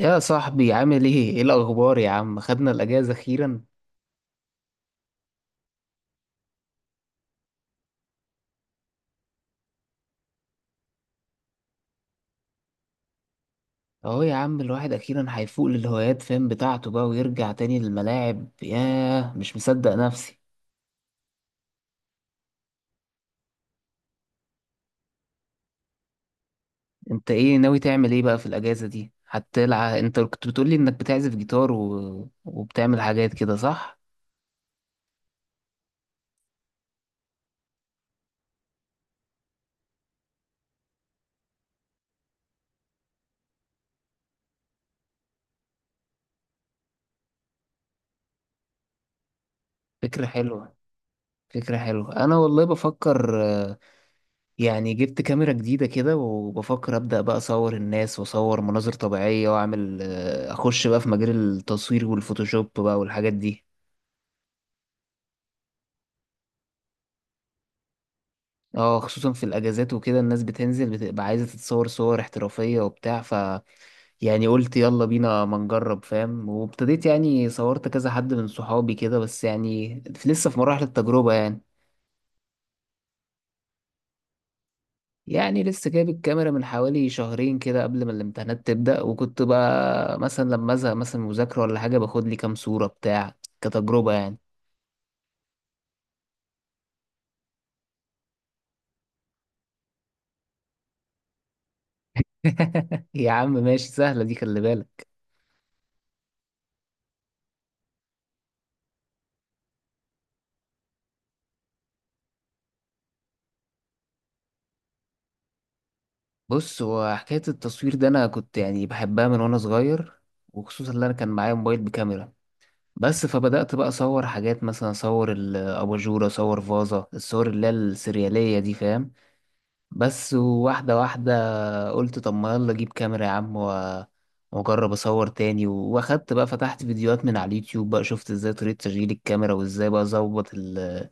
يا صاحبي، عامل ايه؟ ايه الأخبار يا عم؟ خدنا الأجازة أخيرا؟ أهو يا عم الواحد أخيرا هيفوق للهوايات، فاهم بتاعته بقى، ويرجع تاني للملاعب. ياه، مش مصدق نفسي. أنت ايه ناوي تعمل ايه بقى في الأجازة دي؟ هتلعب؟ أنت كنت بتقولي إنك بتعزف جيتار و... وبتعمل حاجات كده، صح؟ فكرة حلوة. فكرة حلوة، أنا والله بفكر. يعني جبت كاميرا جديدة كده، وبفكر أبدأ بقى أصور الناس وأصور مناظر طبيعية، وأعمل أخش بقى في مجال التصوير والفوتوشوب بقى والحاجات دي. اه، خصوصا في الأجازات وكده الناس بتنزل، بتبقى عايزة تتصور صور احترافية وبتاع. ف يعني قلت يلا بينا ما نجرب، فاهم، وابتديت يعني صورت كذا حد من صحابي كده، بس يعني لسه في مراحل التجربة يعني. يعني لسه جايب الكاميرا من حوالي شهرين كده، قبل ما الامتحانات تبدأ، وكنت بقى مثلا لما ازهق مثلا من مذاكرة ولا حاجة باخد لي كام صورة، بتاع، كتجربة يعني. يا عم ماشي، سهلة دي، خلي بالك. بص، هو حكاية التصوير ده أنا كنت يعني بحبها من وأنا صغير، وخصوصا إن أنا كان معايا موبايل بكاميرا. بس فبدأت بقى أصور حاجات، مثلا أصور الأباجورة، أصور فازة الصور اللي هي السريالية دي، فاهم؟ بس واحدة واحدة. فقلت طب ما يلا اجيب كاميرا يا عم، و- واجرب اصور تاني، و- واخدت بقى، فتحت فيديوهات من على اليوتيوب بقى، شفت ازاي طريقة تشغيل الكاميرا، وازاي بقى اظبط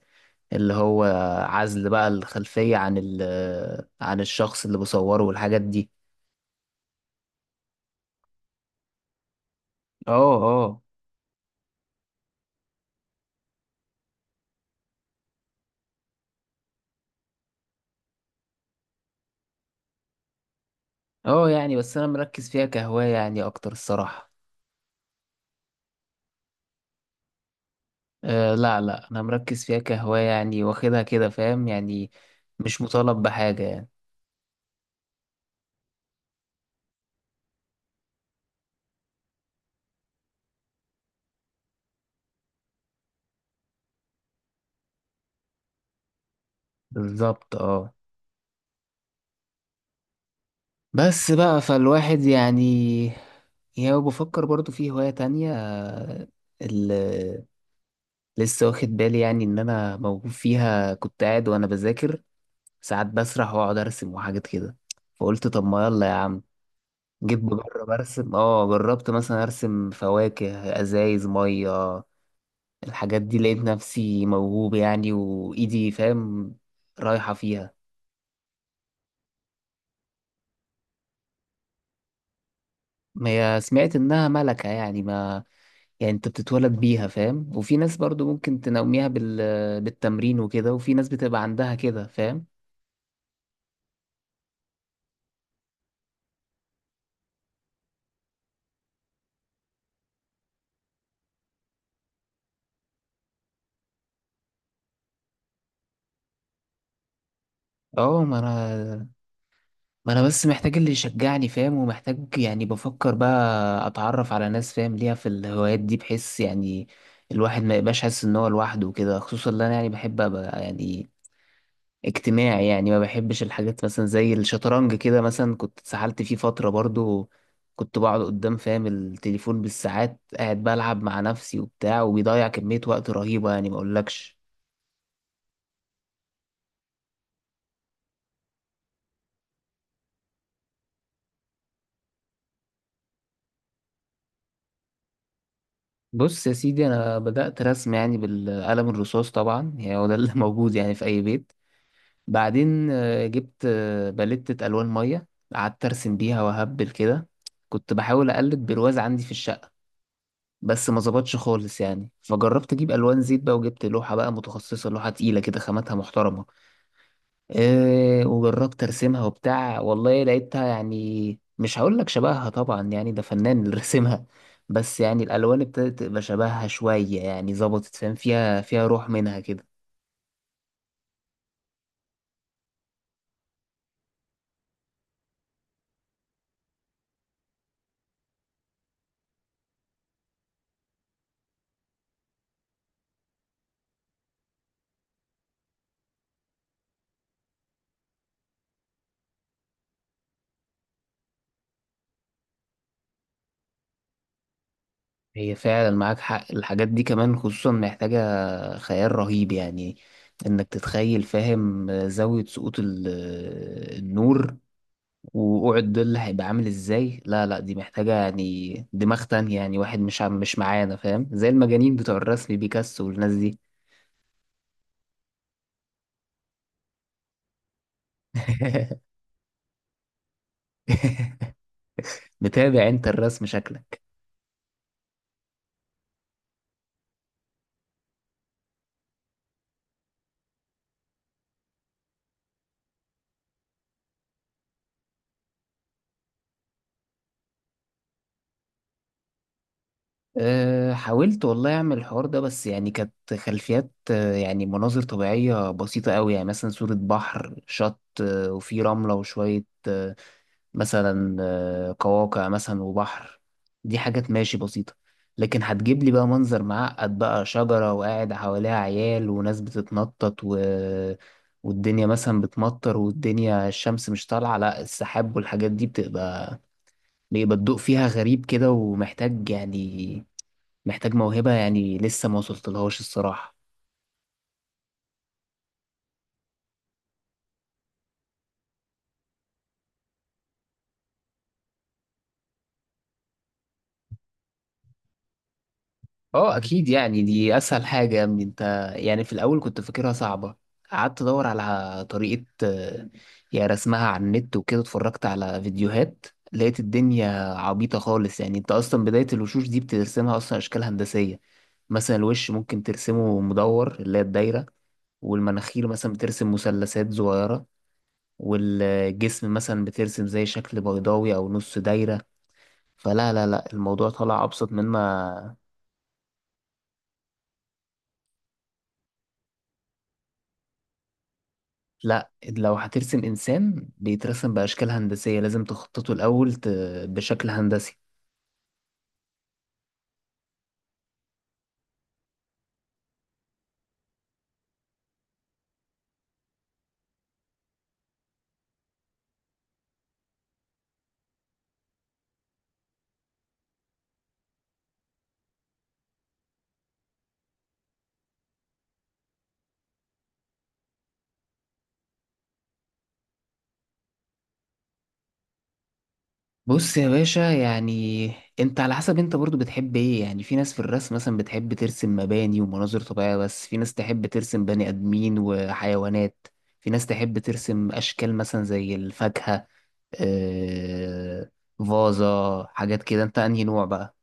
اللي هو عزل بقى الخلفية عن عن الشخص اللي بصوره والحاجات دي. اه اه. اه يعني بس انا مركز فيها كهواية يعني اكتر، الصراحة. أه لا لا، انا مركز فيها كهواية يعني، واخدها كده، فاهم يعني، مش مطالب بحاجة يعني. بالظبط، اه. بس بقى فالواحد يعني، يعني بفكر برضو في هواية تانية، اللي لسه واخد بالي يعني إن أنا موهوب فيها. كنت قاعد وأنا بذاكر ساعات بسرح وأقعد أرسم وحاجات كده، فقلت طب ما يلا يا عم، جيت بجرب أرسم. أه، جربت مثلا أرسم فواكه، أزايز مية، الحاجات دي، لقيت نفسي موهوب يعني، وإيدي فاهم رايحة فيها. ما هي سمعت إنها ملكة يعني، ما يعني انت بتتولد بيها، فاهم، وفي ناس برضو ممكن تنميها بالتمرين وكده، وفي ناس بتبقى عندها كده، فاهم. اه ما انا بس محتاج اللي يشجعني، فاهم، ومحتاج يعني بفكر بقى اتعرف على ناس فاهم ليها في الهوايات دي. بحس يعني الواحد ما يبقاش حاسس ان هو لوحده وكده، خصوصا ان انا يعني بحب ابقى يعني اجتماعي يعني. ما بحبش الحاجات مثلا زي الشطرنج كده. مثلا كنت اتسحلت فيه فترة برضو، كنت بقعد قدام، فاهم، التليفون بالساعات، قاعد بلعب مع نفسي وبتاع، وبيضيع كمية وقت رهيبة يعني ما اقولكش. بص يا سيدي، انا بدأت رسم يعني بالقلم الرصاص طبعا، يعني هو ده اللي موجود يعني في اي بيت. بعدين جبت باليتة الوان مية، قعدت ارسم بيها واهبل كده. كنت بحاول اقلد برواز عندي في الشقة، بس ما ظبطش خالص يعني. فجربت اجيب الوان زيت بقى، وجبت لوحه بقى متخصصه، لوحه تقيله كده خاماتها محترمه، إيه، وجربت ارسمها وبتاع، والله لقيتها يعني مش هقول لك شبهها طبعا يعني ده فنان اللي رسمها، بس يعني الالوان ابتدت تبقى شبهها شويه يعني، ظبطت، فاهم، فيها فيها روح منها كده. هي فعلا معاك حق، الحاجات دي كمان خصوصا محتاجه خيال رهيب يعني. انك تتخيل، فاهم، زاويه سقوط النور، ووقوع الظل هيبقى عامل ازاي، لا لا دي محتاجة يعني دماغ تانية يعني، واحد مش مش معانا، فاهم، زي المجانين بتوع الرسم بيكاسو والناس دي. متابع انت الرسم، شكلك. أه حاولت والله أعمل الحوار ده، بس يعني كانت خلفيات يعني مناظر طبيعية بسيطة أوي يعني، مثلا صورة بحر، شط وفي رملة وشوية مثلا قواقع مثلا وبحر، دي حاجات ماشي بسيطة. لكن هتجيب لي بقى منظر معقد بقى، شجرة وقاعد حواليها عيال وناس بتتنطط و... والدنيا مثلا بتمطر، والدنيا الشمس مش طالعة، لا السحاب والحاجات دي بتبقى، بيبقى الضوء فيها غريب كده، ومحتاج يعني محتاج موهبة يعني لسه ما وصلتلهاش الصراحة. اه اكيد، يعني دي اسهل حاجة يا ابني انت. يعني في الاول كنت فاكرها صعبة، قعدت ادور على طريقة، يعني رسمها على النت وكده، اتفرجت على فيديوهات، لقيت الدنيا عبيطة خالص يعني. انت اصلا بداية الوشوش دي بترسمها اصلا اشكال هندسية. مثلا الوش ممكن ترسمه مدور، اللي هي الدايرة، والمناخير مثلا بترسم مثلثات صغيرة، والجسم مثلا بترسم زي شكل بيضاوي او نص دايرة. فلا لا لا، الموضوع طلع أبسط مما. لا، لو هترسم إنسان بيترسم بأشكال هندسية، لازم تخططه الأول بشكل هندسي. بص يا باشا يعني انت على حسب انت برضو بتحب ايه يعني. في ناس في الرسم مثلا بتحب ترسم مباني ومناظر طبيعية، بس في ناس تحب ترسم بني آدمين وحيوانات، في ناس تحب ترسم أشكال مثلا زي الفاكهة، آه... فازة، حاجات كده. انت انهي نوع بقى؟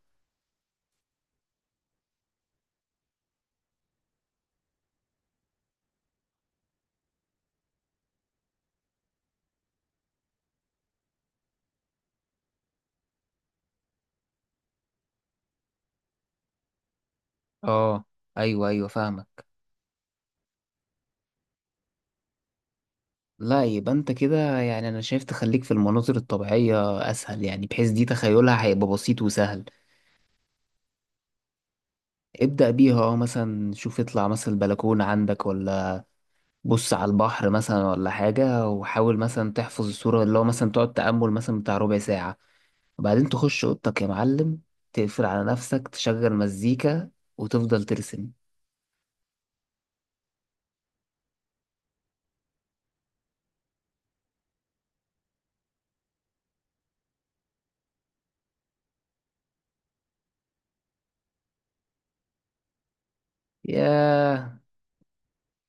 اه، ايوه ايوه فاهمك. لا يبقى انت كده يعني، انا شايف تخليك في المناظر الطبيعية اسهل يعني، بحيث دي تخيلها هيبقى بسيط وسهل. ابدأ بيها، اه. مثلا شوف، اطلع مثلا البلكونة عندك، ولا بص على البحر مثلا ولا حاجة، وحاول مثلا تحفظ الصورة، اللي هو مثلا تقعد تأمل مثلا بتاع ربع ساعة، وبعدين تخش اوضتك يا معلم، تقفل على نفسك، تشغل مزيكا، وتفضل ترسم. ياه،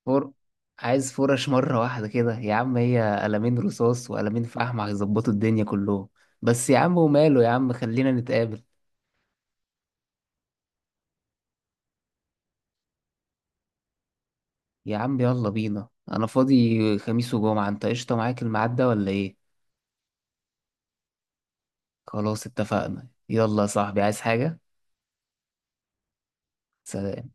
فور، عايز فرش مرة واحدة كده يا عم. هي قلمين رصاص وقلمين فحم هيظبطوا الدنيا كلهم. بس يا عم وماله يا عم، خلينا نتقابل. يا عم يلا بينا، أنا فاضي خميس وجمعة، أنت قشطة معاك الميعاد ده ولا إيه؟ خلاص اتفقنا. يلا يا صاحبي، عايز حاجة؟ سلام.